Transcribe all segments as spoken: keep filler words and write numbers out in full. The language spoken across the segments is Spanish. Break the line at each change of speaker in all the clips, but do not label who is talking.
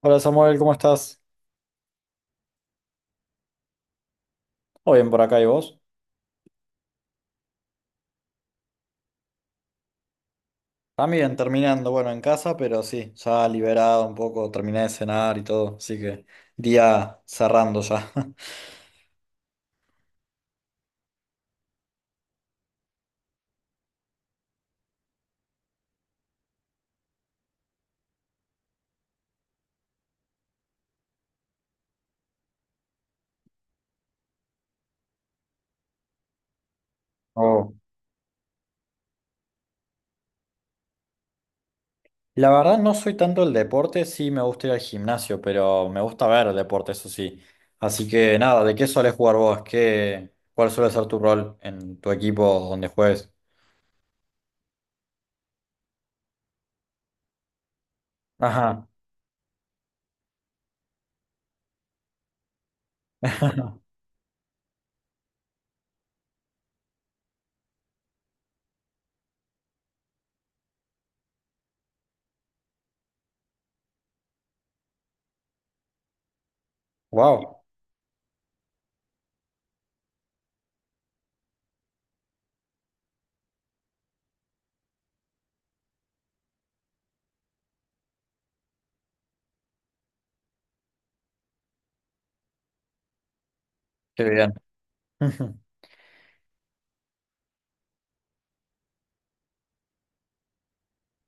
Hola Samuel, ¿cómo estás? Todo bien por acá, ¿y vos? También terminando, bueno, en casa, pero sí, ya liberado un poco, terminé de cenar y todo, así que día cerrando ya. Oh. La verdad no soy tanto el deporte, sí me gusta ir al gimnasio, pero me gusta ver el deporte, eso sí. Así que nada, ¿de qué sueles jugar vos? ¿Qué, cuál suele ser tu rol en tu equipo donde juegues? Ajá. Wow, qué bien.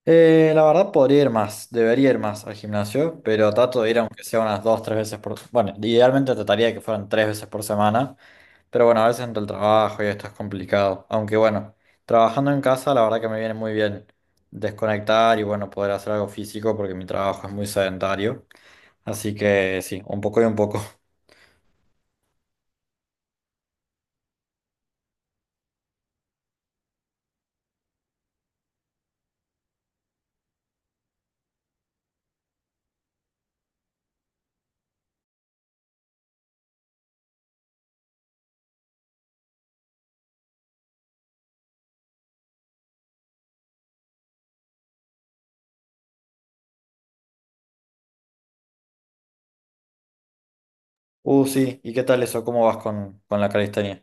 Eh, la verdad podría ir más, debería ir más al gimnasio, pero trato de ir aunque sea unas dos, tres veces por... Bueno, idealmente trataría de que fueran tres veces por semana, pero bueno, a veces entre el trabajo y esto es complicado. Aunque bueno, trabajando en casa la verdad que me viene muy bien desconectar y bueno, poder hacer algo físico porque mi trabajo es muy sedentario. Así que sí, un poco y un poco. Uh, sí, ¿y qué tal eso? ¿Cómo vas con, con la calistenia?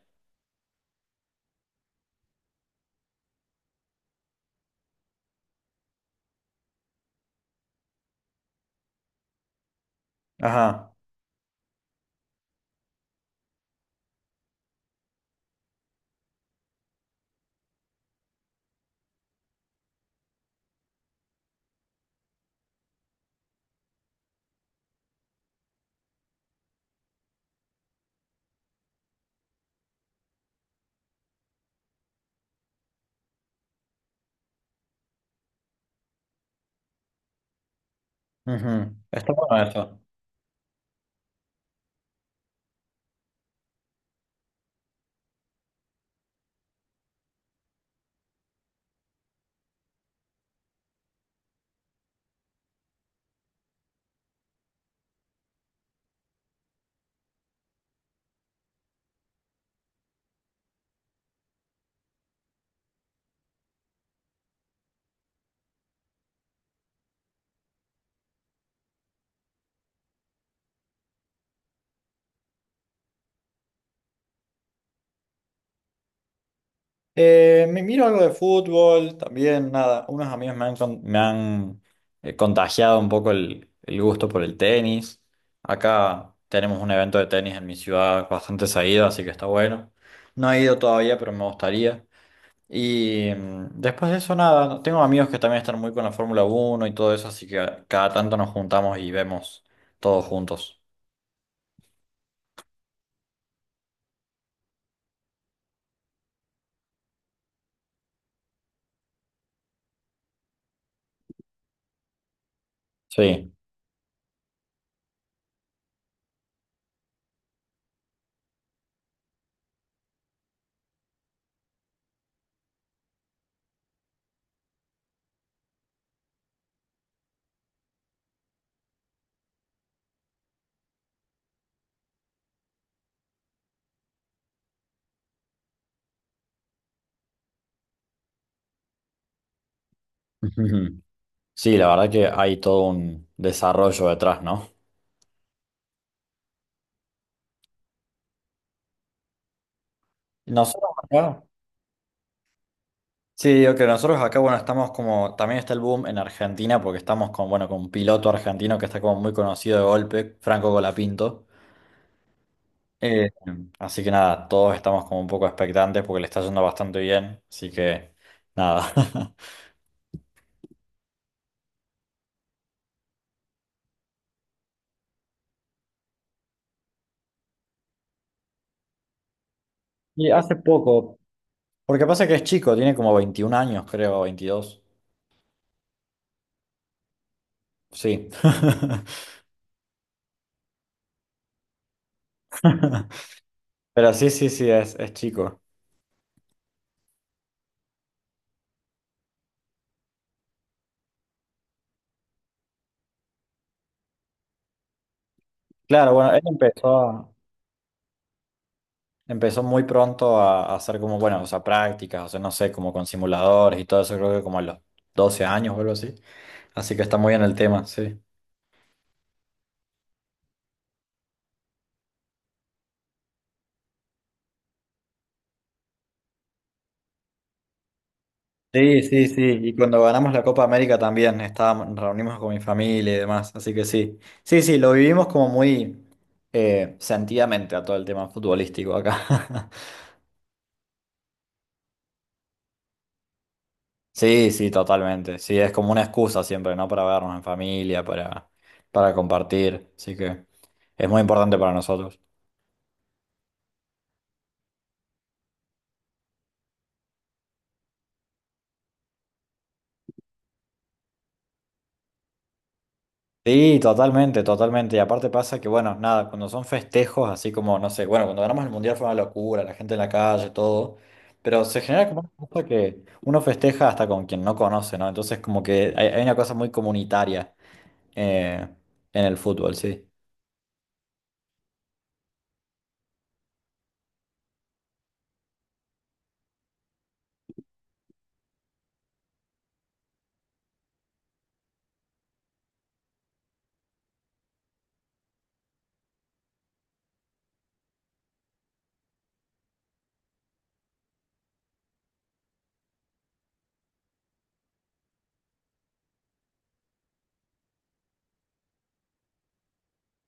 Ajá, ujú. Está bueno eso. Eh, me miro algo de fútbol, también, nada, unos amigos me han, con- me han eh, contagiado un poco el, el gusto por el tenis. Acá tenemos un evento de tenis en mi ciudad bastante seguido, así que está bueno. No he ido todavía, pero me gustaría. Y mm, después de eso, nada, no, tengo amigos que también están muy con la Fórmula uno y todo eso, así que cada tanto nos juntamos y vemos todos juntos. Sí. Sí, la verdad que hay todo un desarrollo detrás, ¿no? Nosotros, acá. Sí, ok, nosotros acá, bueno, estamos como, también está el boom en Argentina porque estamos con, bueno, con un piloto argentino que está como muy conocido de golpe, Franco Colapinto. Eh, Así que nada, todos estamos como un poco expectantes porque le está yendo bastante bien, así que nada. Y hace poco, porque pasa que es chico, tiene como veintiún años, creo, veintidós. Sí. Pero sí, sí, sí, es, es chico. Claro, bueno, él empezó. Empezó muy pronto a, a hacer como, bueno, o sea, prácticas, o sea, no sé, como con simuladores y todo eso, creo que como a los doce años o algo así. Así que está muy en el tema, sí. Sí, sí, sí. Y cuando ganamos la Copa América también, estábamos, nos reunimos con mi familia y demás, así que sí. Sí, sí, lo vivimos como muy eh, sentidamente a todo el tema futbolístico acá. Sí, sí, totalmente. Sí, es como una excusa siempre, ¿no? Para vernos en familia, para, para compartir. Así que es muy importante para nosotros. Sí, totalmente, totalmente. Y aparte pasa que, bueno, nada, cuando son festejos, así como, no sé, bueno, cuando ganamos el mundial fue una locura, la gente en la calle, todo, pero se genera como una cosa que uno festeja hasta con quien no conoce, ¿no? Entonces, como que hay, hay una cosa muy comunitaria eh, en el fútbol, sí.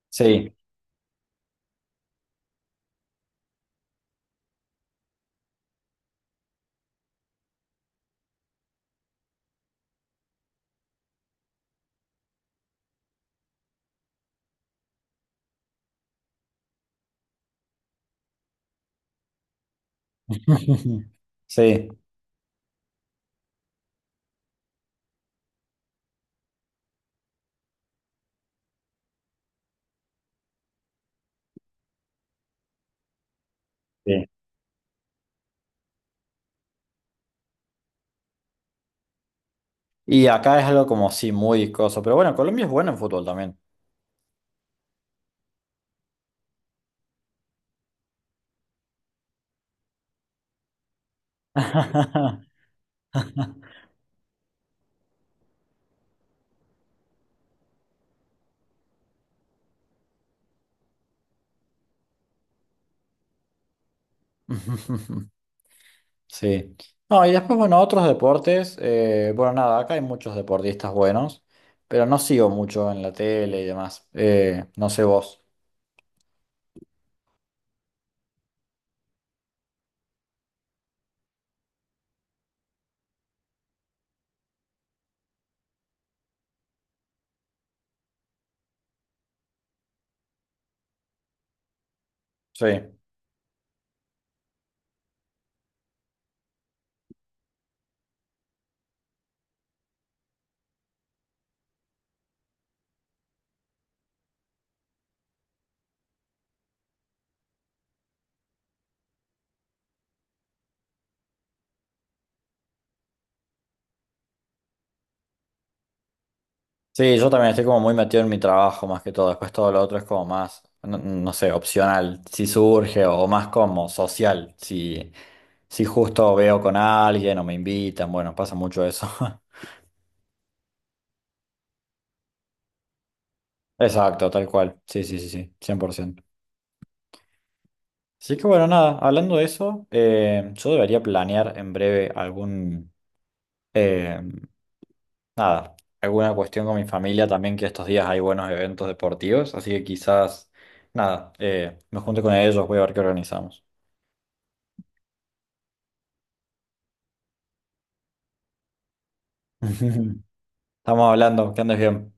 Sí. Sí. Sí. Y acá es algo como, sí, muy coso, pero bueno, Colombia es buena en fútbol también. Sí. No, y después, bueno, otros deportes. Eh, bueno, nada, acá hay muchos deportistas buenos, pero no sigo mucho en la tele y demás. Eh, no sé vos. Sí. Sí, yo también estoy como muy metido en mi trabajo más que todo. Después todo lo otro es como más, no, no sé, opcional, si surge o más como social. Si, si justo veo con alguien o me invitan, bueno, pasa mucho eso. Exacto, tal cual. Sí, sí, sí, sí, cien por ciento. Así que bueno, nada, hablando de eso, eh, yo debería planear en breve algún, eh, nada, alguna cuestión con mi familia también, que estos días hay buenos eventos deportivos, así que quizás, nada, eh, me junte con ellos, voy a ver qué organizamos. Estamos hablando, que andes bien.